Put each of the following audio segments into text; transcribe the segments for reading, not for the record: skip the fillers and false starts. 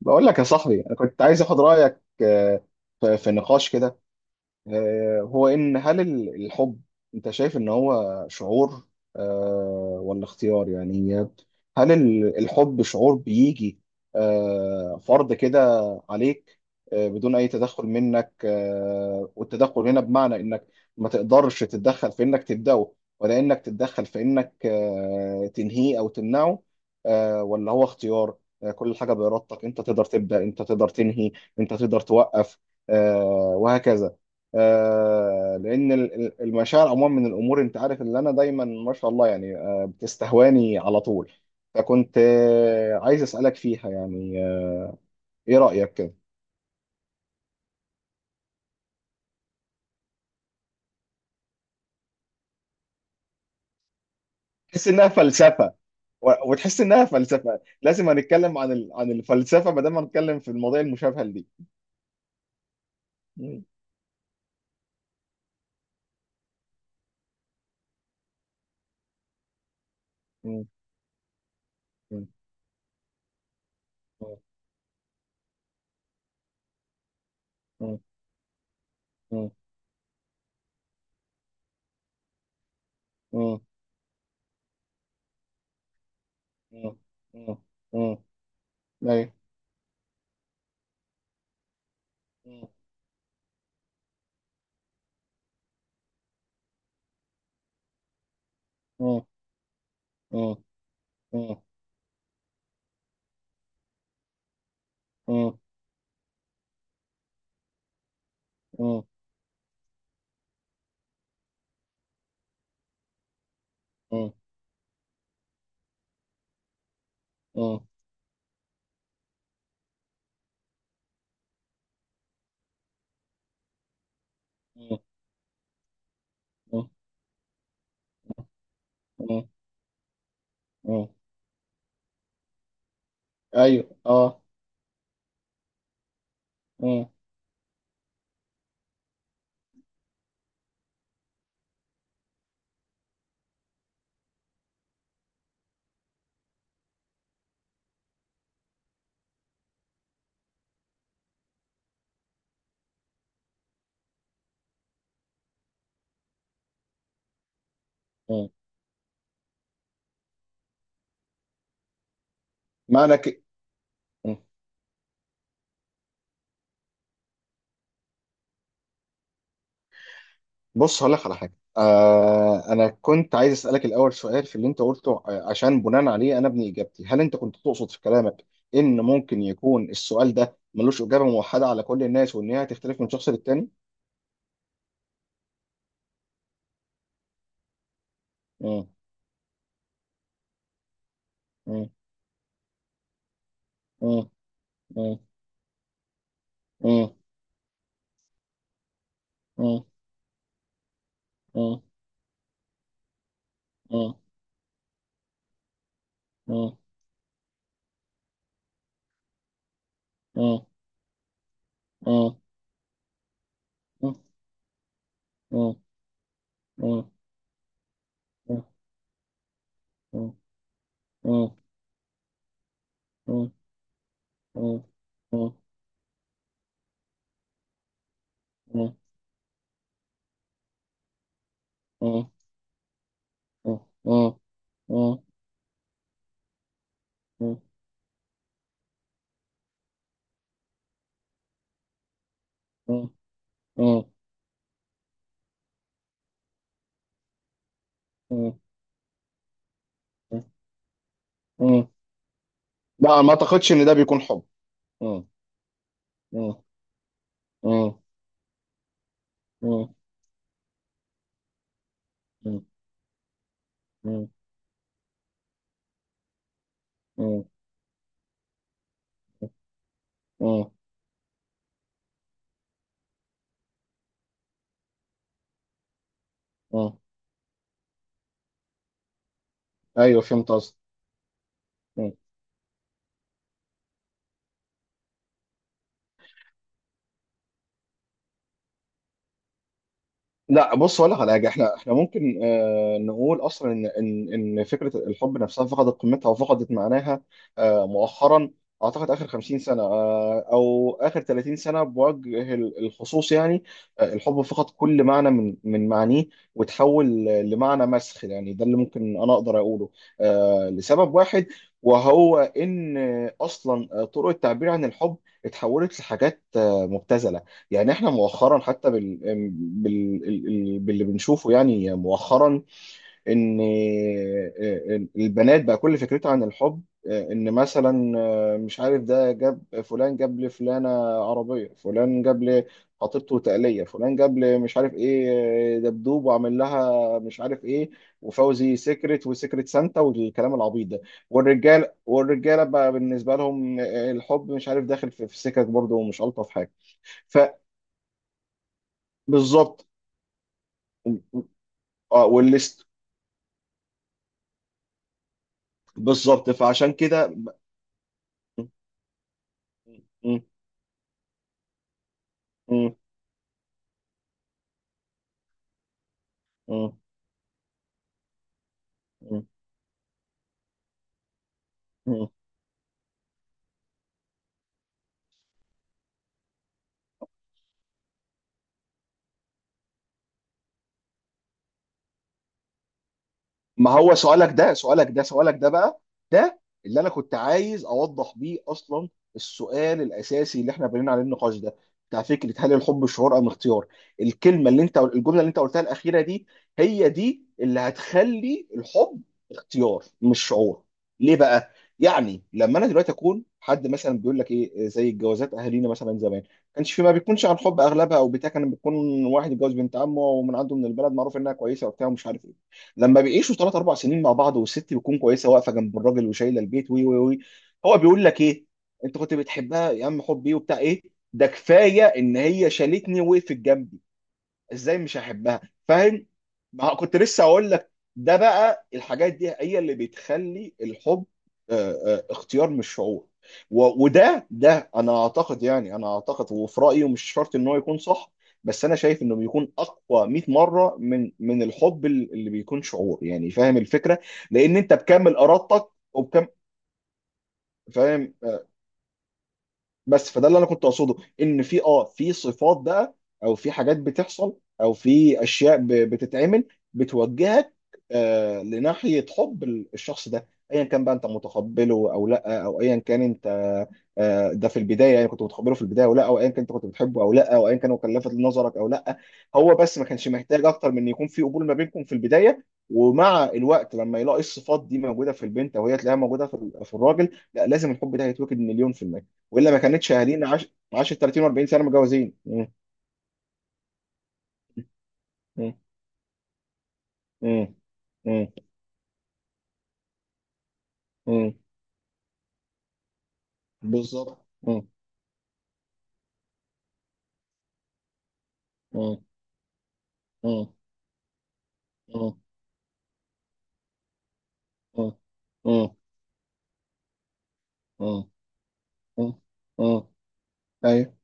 بقول لك يا صاحبي انا كنت عايز اخد رايك، في نقاش كده. هو ان هل الحب، انت شايف ان هو شعور، ولا اختيار يعني؟ هل الحب شعور بيجي فرض كده عليك، بدون اي تدخل منك. والتدخل هنا بمعنى انك ما تقدرش تتدخل في انك تبدأه، ولا انك تتدخل في انك تنهيه او تمنعه، ولا هو اختيار، كل حاجة بإرادتك، انت تقدر تبدأ، انت تقدر تنهي، انت تقدر توقف، آه، وهكذا. لان المشاعر عموما من الامور، انت عارف اللي انا دايما ما شاء الله يعني بتستهواني على طول. فكنت عايز اسالك فيها يعني، ايه رايك كده؟ تحس انها فلسفه، وتحس انها فلسفه. لازم هنتكلم عن عن الفلسفه ما دام هنتكلم في المواضيع المشابهه لدي. م- م- م- م- م- م- م- م- م- م- أيوة. م- م- م- م- م- م- م- م- م- م- م- ايوه. اه. مم. مم. ما انا ك... مم. بص هقول لك على حاجه. آه، انا كنت عايز اسالك الاول سؤال في اللي انت قلته، عشان بناء عليه انا ابني اجابتي. هل انت كنت تقصد في كلامك ان ممكن يكون السؤال ده ملوش اجابه موحده على كل الناس، وان هي هتختلف من شخص للتاني؟ مم. مم. مم. مم. مم. مم. مم. مم. مم. مم. مم. مم. مم. مم. مم. مم. مم. مم. مم. مم. مم. مم. مم. مم. مم. مم. مم. مم. لا، ما اعتقدش ان ده بيكون حب. مم. مم. مم. مم. مم. مم. مم. مم. ايوه، فهمت قصدك. لا، بص، ولا على حاجه، احنا احنا ممكن آه نقول اصلا ان ان فكره الحب نفسها فقدت قيمتها وفقدت معناها آه مؤخرا. اعتقد اخر 50 سنه، آه، او اخر 30 سنه بوجه الخصوص يعني. آه، الحب فقد كل معنى من معانيه، وتحول لمعنى مسخ يعني. ده اللي ممكن انا اقدر اقوله، آه، لسبب واحد، وهو ان اصلا طرق التعبير عن الحب اتحولت لحاجات مبتذله. يعني احنا مؤخرا حتى باللي بنشوفه يعني مؤخرا، ان البنات بقى كل فكرتها عن الحب، ان مثلا مش عارف، ده جاب فلان، جاب لفلانة عربية، فلان جاب لخطيبته تقلية، فلان جاب لي مش عارف ايه، دبدوب، وعمل لها مش عارف ايه، وفوزي سيكرت وسيكرت سانتا والكلام العبيط ده. والرجال، والرجاله بقى بالنسبه لهم، الحب مش عارف داخل في سكك برضه، ومش الطف حاجه. فبالظبط. اه، والليست. بالظبط. فعشان كده م- م- م- م- م- ما هو سؤالك ده، بقى ده اللي انا كنت عايز اوضح بيه اصلا. السؤال الاساسي اللي احنا بنينا عليه النقاش ده، بتاع فكره هل الحب شعور ام اختيار. الكلمه اللي انت، الجمله اللي انت قلتها الاخيره دي، هي دي اللي هتخلي الحب اختيار مش شعور. ليه بقى؟ يعني لما انا دلوقتي اكون حد مثلا بيقول لك ايه، زي الجوازات اهالينا مثلا زمان، كانش في، ما بيكونش عن حب اغلبها، او بتاع، كان بيكون واحد اتجوز بنت عمه، ومن عنده من البلد معروف انها كويسه وبتاع ومش عارف ايه. لما بيعيشوا 3 4 سنين مع بعض، والست بتكون كويسه واقفه جنب الراجل وشايله البيت، وي وي وي، هو بيقول لك ايه؟ انت كنت بتحبها يا عم؟ حبي وبتاع ايه؟ ده كفايه ان هي شالتني ووقفت جنبي، ازاي مش هحبها؟ فاهم؟ ما كنت لسه اقول لك، ده بقى الحاجات دي هي اللي بتخلي الحب، اختيار مش شعور. وده، ده انا اعتقد يعني، انا اعتقد وفي رايي، ومش شرط ان هو يكون صح، بس انا شايف انه بيكون اقوى 100 مره من الحب اللي بيكون شعور يعني. فاهم الفكره؟ لان انت بكامل ارادتك وبكم، فاهم؟ بس فده اللي انا كنت اقصده. ان في اه، في صفات بقى، او في حاجات بتحصل، او في اشياء بتتعمل بتوجهك آه لناحيه حب الشخص ده، ايا كان بقى انت متقبله او لا، او ايا كان انت آه ده في البدايه يعني، كنت متقبله في البدايه او لا، او ايا كان انت كنت بتحبه او لا، او ايا كان هو كان لافت لنظرك او لا. هو بس ما كانش محتاج اكتر من ان يكون في قبول ما بينكم في البدايه. ومع الوقت لما يلاقي الصفات دي موجوده في البنت، او هي تلاقيها موجوده في في الراجل، لا لازم الحب ده هيتوكد مليون في المية. والا ما كانتش اهالينا عاش، عاشت 30 و40 سنه متجوزين. مم. مم. مم. مم. مم. بالظبط. مم. مم. مم. مم. مم. مم. مم. مم. مم. ايوه.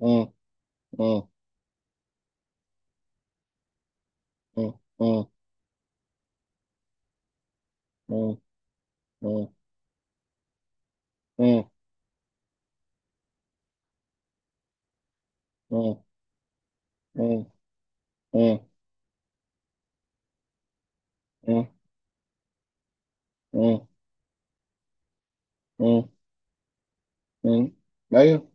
مم. مم. مم. مم. مم. مم. مم. مم. مم. مم. مم. مم. مم. مم. ايوه.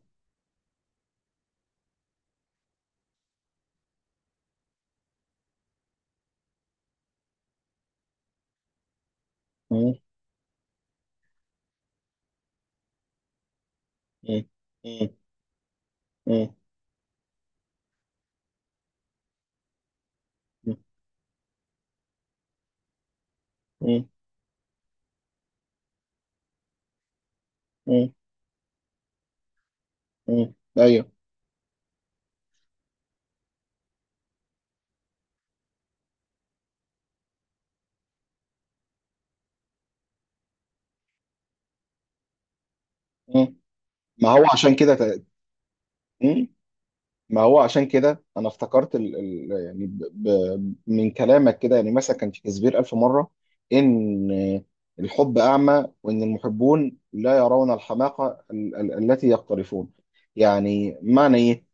مم. مم. مم. مم. مم. مم. مم. ايوه. مم. ما هو عشان كده، ت- ما هو عشان كده انا افتكرت ال ال يعني، ب ب من كلامك كده، يعني مثلا كان شكسبير الف مره ان الحب اعمى، وان المحبون لا يرون الحماقه ال ال التي يقترفون. يعني معنى ايه؟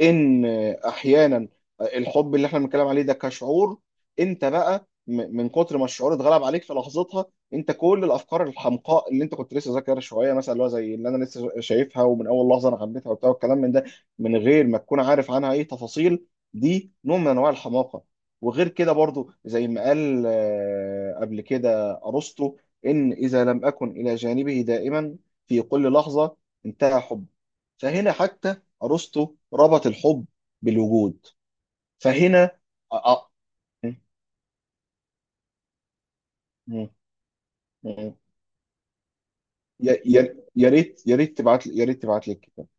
ان احيانا الحب اللي احنا بنتكلم عليه ده كشعور، انت بقى من كتر ما الشعور اتغلب عليك في لحظتها، انت كل الافكار الحمقاء اللي انت كنت لسه ذاكرها شويه، مثلا اللي هو زي اللي انا لسه شايفها ومن اول لحظه انا حبيتها وبتاع والكلام من ده، من غير ما تكون عارف عنها اي تفاصيل، دي نوع من انواع الحماقه. وغير كده برضو، زي ما قال قبل كده ارسطو، ان اذا لم اكن الى جانبه دائما في كل لحظه انتهى حب. فهنا حتى ارسطو ربط الحب بالوجود. فهنا آه، آه، م- م- م- يا يا ريت، يا ريت تبعت لي الكتاب.